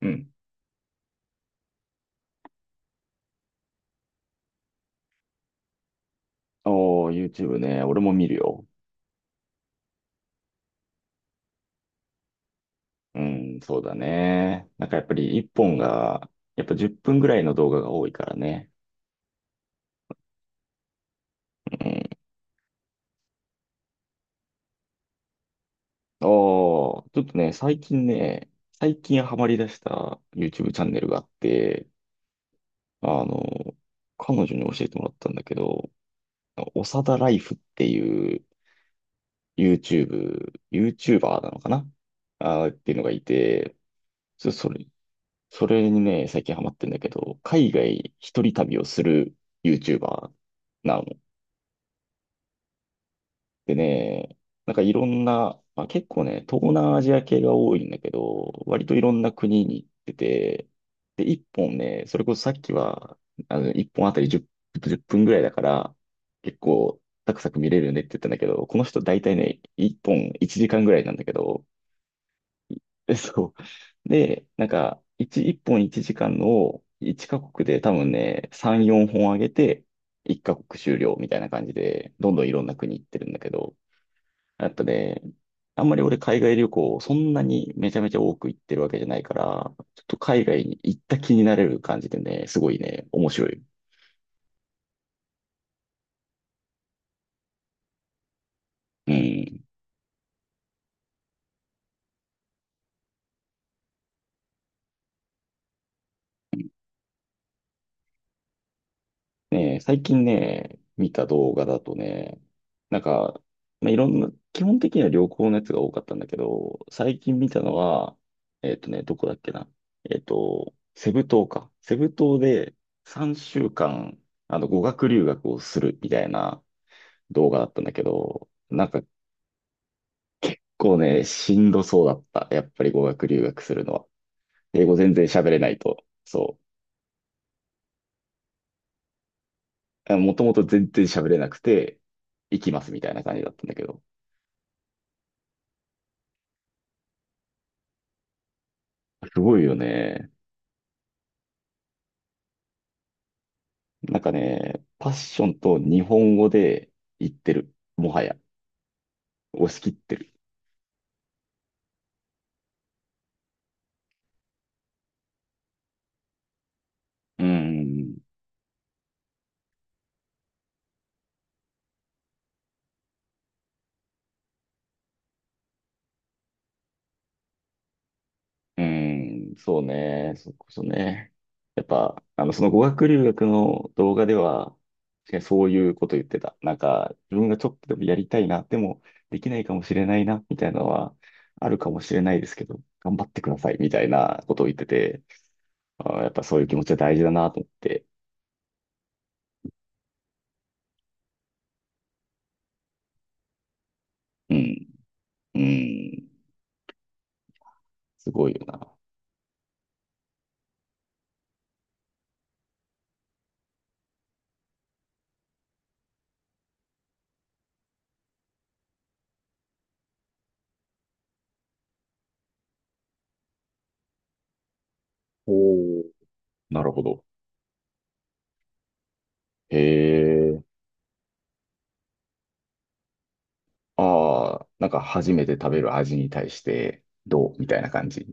うん。おー、YouTube ね。俺も見るよ。うん、そうだね。なんかやっぱり一本が、やっぱ10分ぐらいの動画が多いからね。うん。おー、ちょっとね、最近ハマり出した YouTube チャンネルがあって、あの、彼女に教えてもらったんだけど、おさだライフっていう YouTuber なのかなっていうのがいて、そ、それ、それにね、最近ハマってんだけど、海外一人旅をする YouTuber なの。でね、なんかいろんな、まあ、結構ね、東南アジア系が多いんだけど、割といろんな国に行ってて、で、一本ね、それこそさっきは、一本あたり10分ぐらいだから、結構、サクサク見れるねって言ったんだけど、この人大体ね、一本1時間ぐらいなんだけど、そう。で、なんか、1、一本1時間のを1カ国で多分ね、3、4本上げて、1カ国終了みたいな感じで、どんどんいろんな国行ってるんだけど、やっぱね、あんまり俺海外旅行、そんなにめちゃめちゃ多く行ってるわけじゃないから、ちょっと海外に行った気になれる感じでね、すごいね、面白い。うん。ねえ、最近ね、見た動画だとね、なんか、まあ、いろんな、基本的には旅行のやつが多かったんだけど、最近見たのは、どこだっけな。セブ島か。セブ島で3週間、語学留学をするみたいな動画だったんだけど、なんか結構ね、しんどそうだった。やっぱり語学留学するのは。英語全然喋れないと。そう。もともと全然喋れなくて、行きますみたいな感じだったんだけど。すごいよね。なんかね、パッションと日本語で言ってる。もはや。押し切ってる。うん。うん。そうね。そこそね。やっぱ、その語学留学の動画では、確かにそういうこと言ってた。なんか、自分がちょっとでもやりたいな、でもできないかもしれないな、みたいなのは、あるかもしれないですけど、頑張ってください、みたいなことを言ってて、あー、やっぱそういう気持ちは大事だなと思って。うん。うん。すごいよな。おーなるほど。へえ。ああ、なんか初めて食べる味に対してどうみたいな感じ。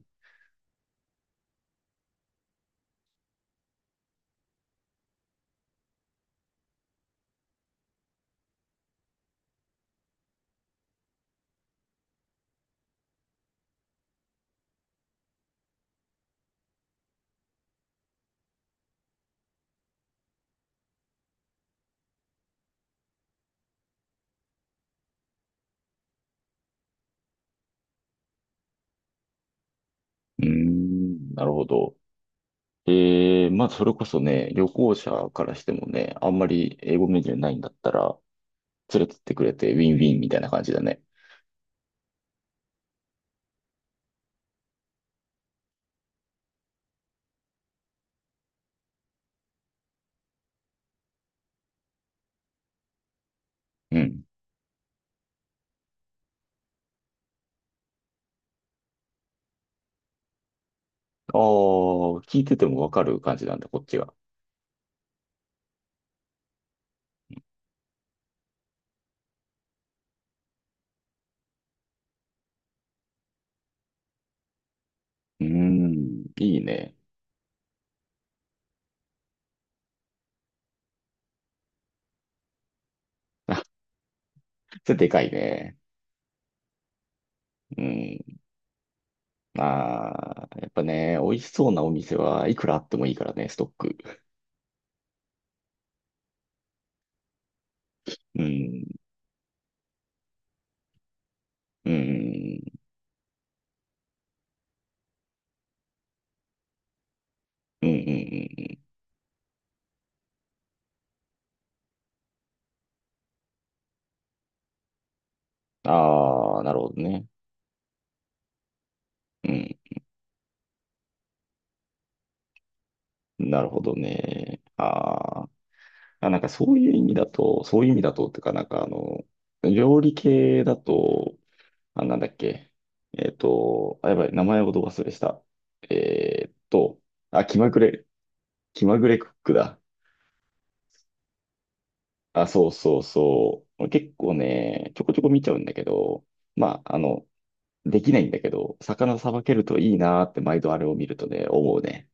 うーん、なるほど。ええ、まあ、それこそね、旅行者からしてもね、あんまり英語メニューないんだったら、連れてってくれてウィンウィンみたいな感じだね。うん。ああ、聞いててもわかる感じなんだ、こっちは。うーん、いいね。あ、それでかいね。うん。ああ、やっぱね、美味しそうなお店はいくらあってもいいからね、ストック。うん。うん。うん。うん。うんああー、なるほどね。うん。なるほどね。あーあ、なんかそういう意味だと、そういう意味だと、っていうか、なんかあの、料理系だと、あ、なんだっけ。あ、やばい、名前をど忘れした。えーっと、あ、気まぐれクックだ。あ、そうそうそう。結構ね、ちょこちょこ見ちゃうんだけど、まあ、できないんだけど、魚さばけるといいなーって毎度あれを見るとね、思うね。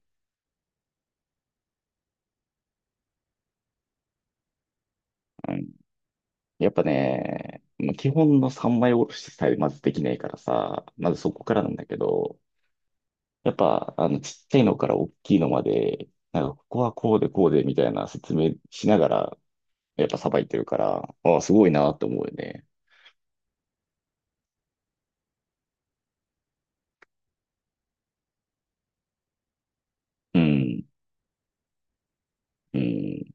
うん。やっぱね、まあ基本の三枚おろしさえまずできないからさ、まずそこからなんだけど、やっぱ、ちっちゃいのから大きいのまで、なんか、ここはこうでこうでみたいな説明しながら、やっぱさばいてるから、ああ、すごいなーって思うよね。うん。うん。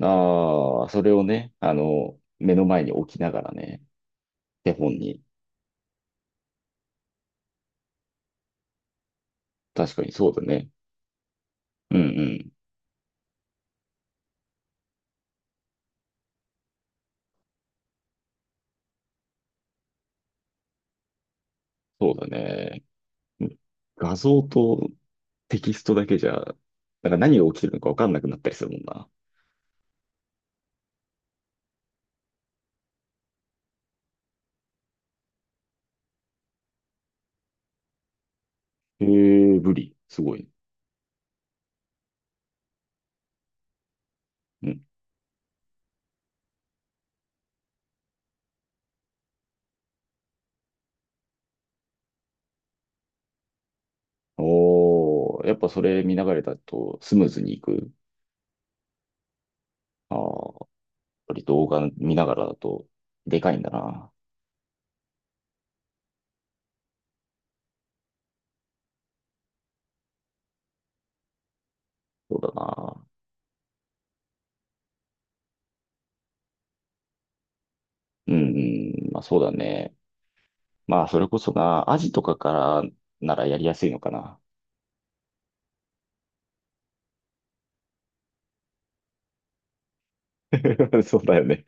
ああ、それをね、目の前に置きながらね、手本に。確かにそうだね。うんうん。そうだね。画像とテキストだけじゃ、なんか何が起きてるのかわかんなくなったりするもんな。へえ、ブリ。すごい。うん。おー、やっぱそれ見ながらだとスムーズにいく。ああ、やっぱり動画見ながらだとでかいんだな。そうだな。うんうん。まあそうだね。まあ、それこそな、アジとかからならやりやすいのかな。そうだよね。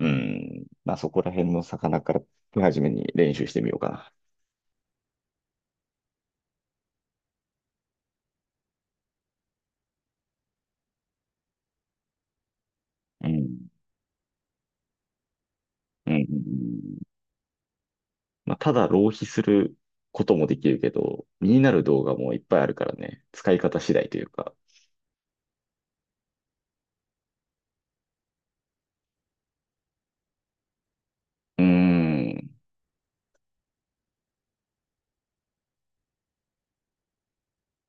うん。まあ、そこら辺の魚から手始めに練習してみようかな。うん。うん。うんうんまあ、ただ浪費することもできるけど、身になる動画もいっぱいあるからね。使い方次第というか。うーん。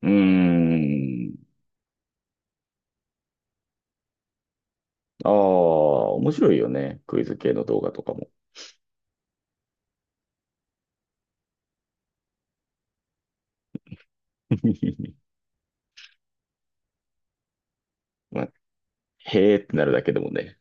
うーん。ああ、面白いよね。クイズ系の動画とかも。まあ、へーってなるだけでもね。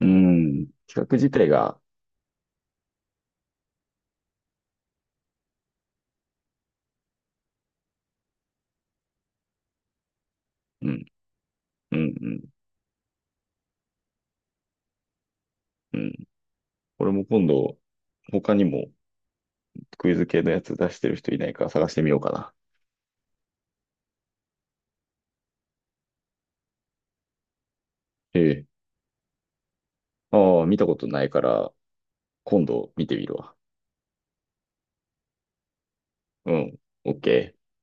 うん。企画自体が、うん、うん、うん。うん。俺も今度、他にもクイズ系のやつ出してる人いないか探してみようかな。ええ。ああ、見たことないから、今度見てみるわ。うん。オッケー。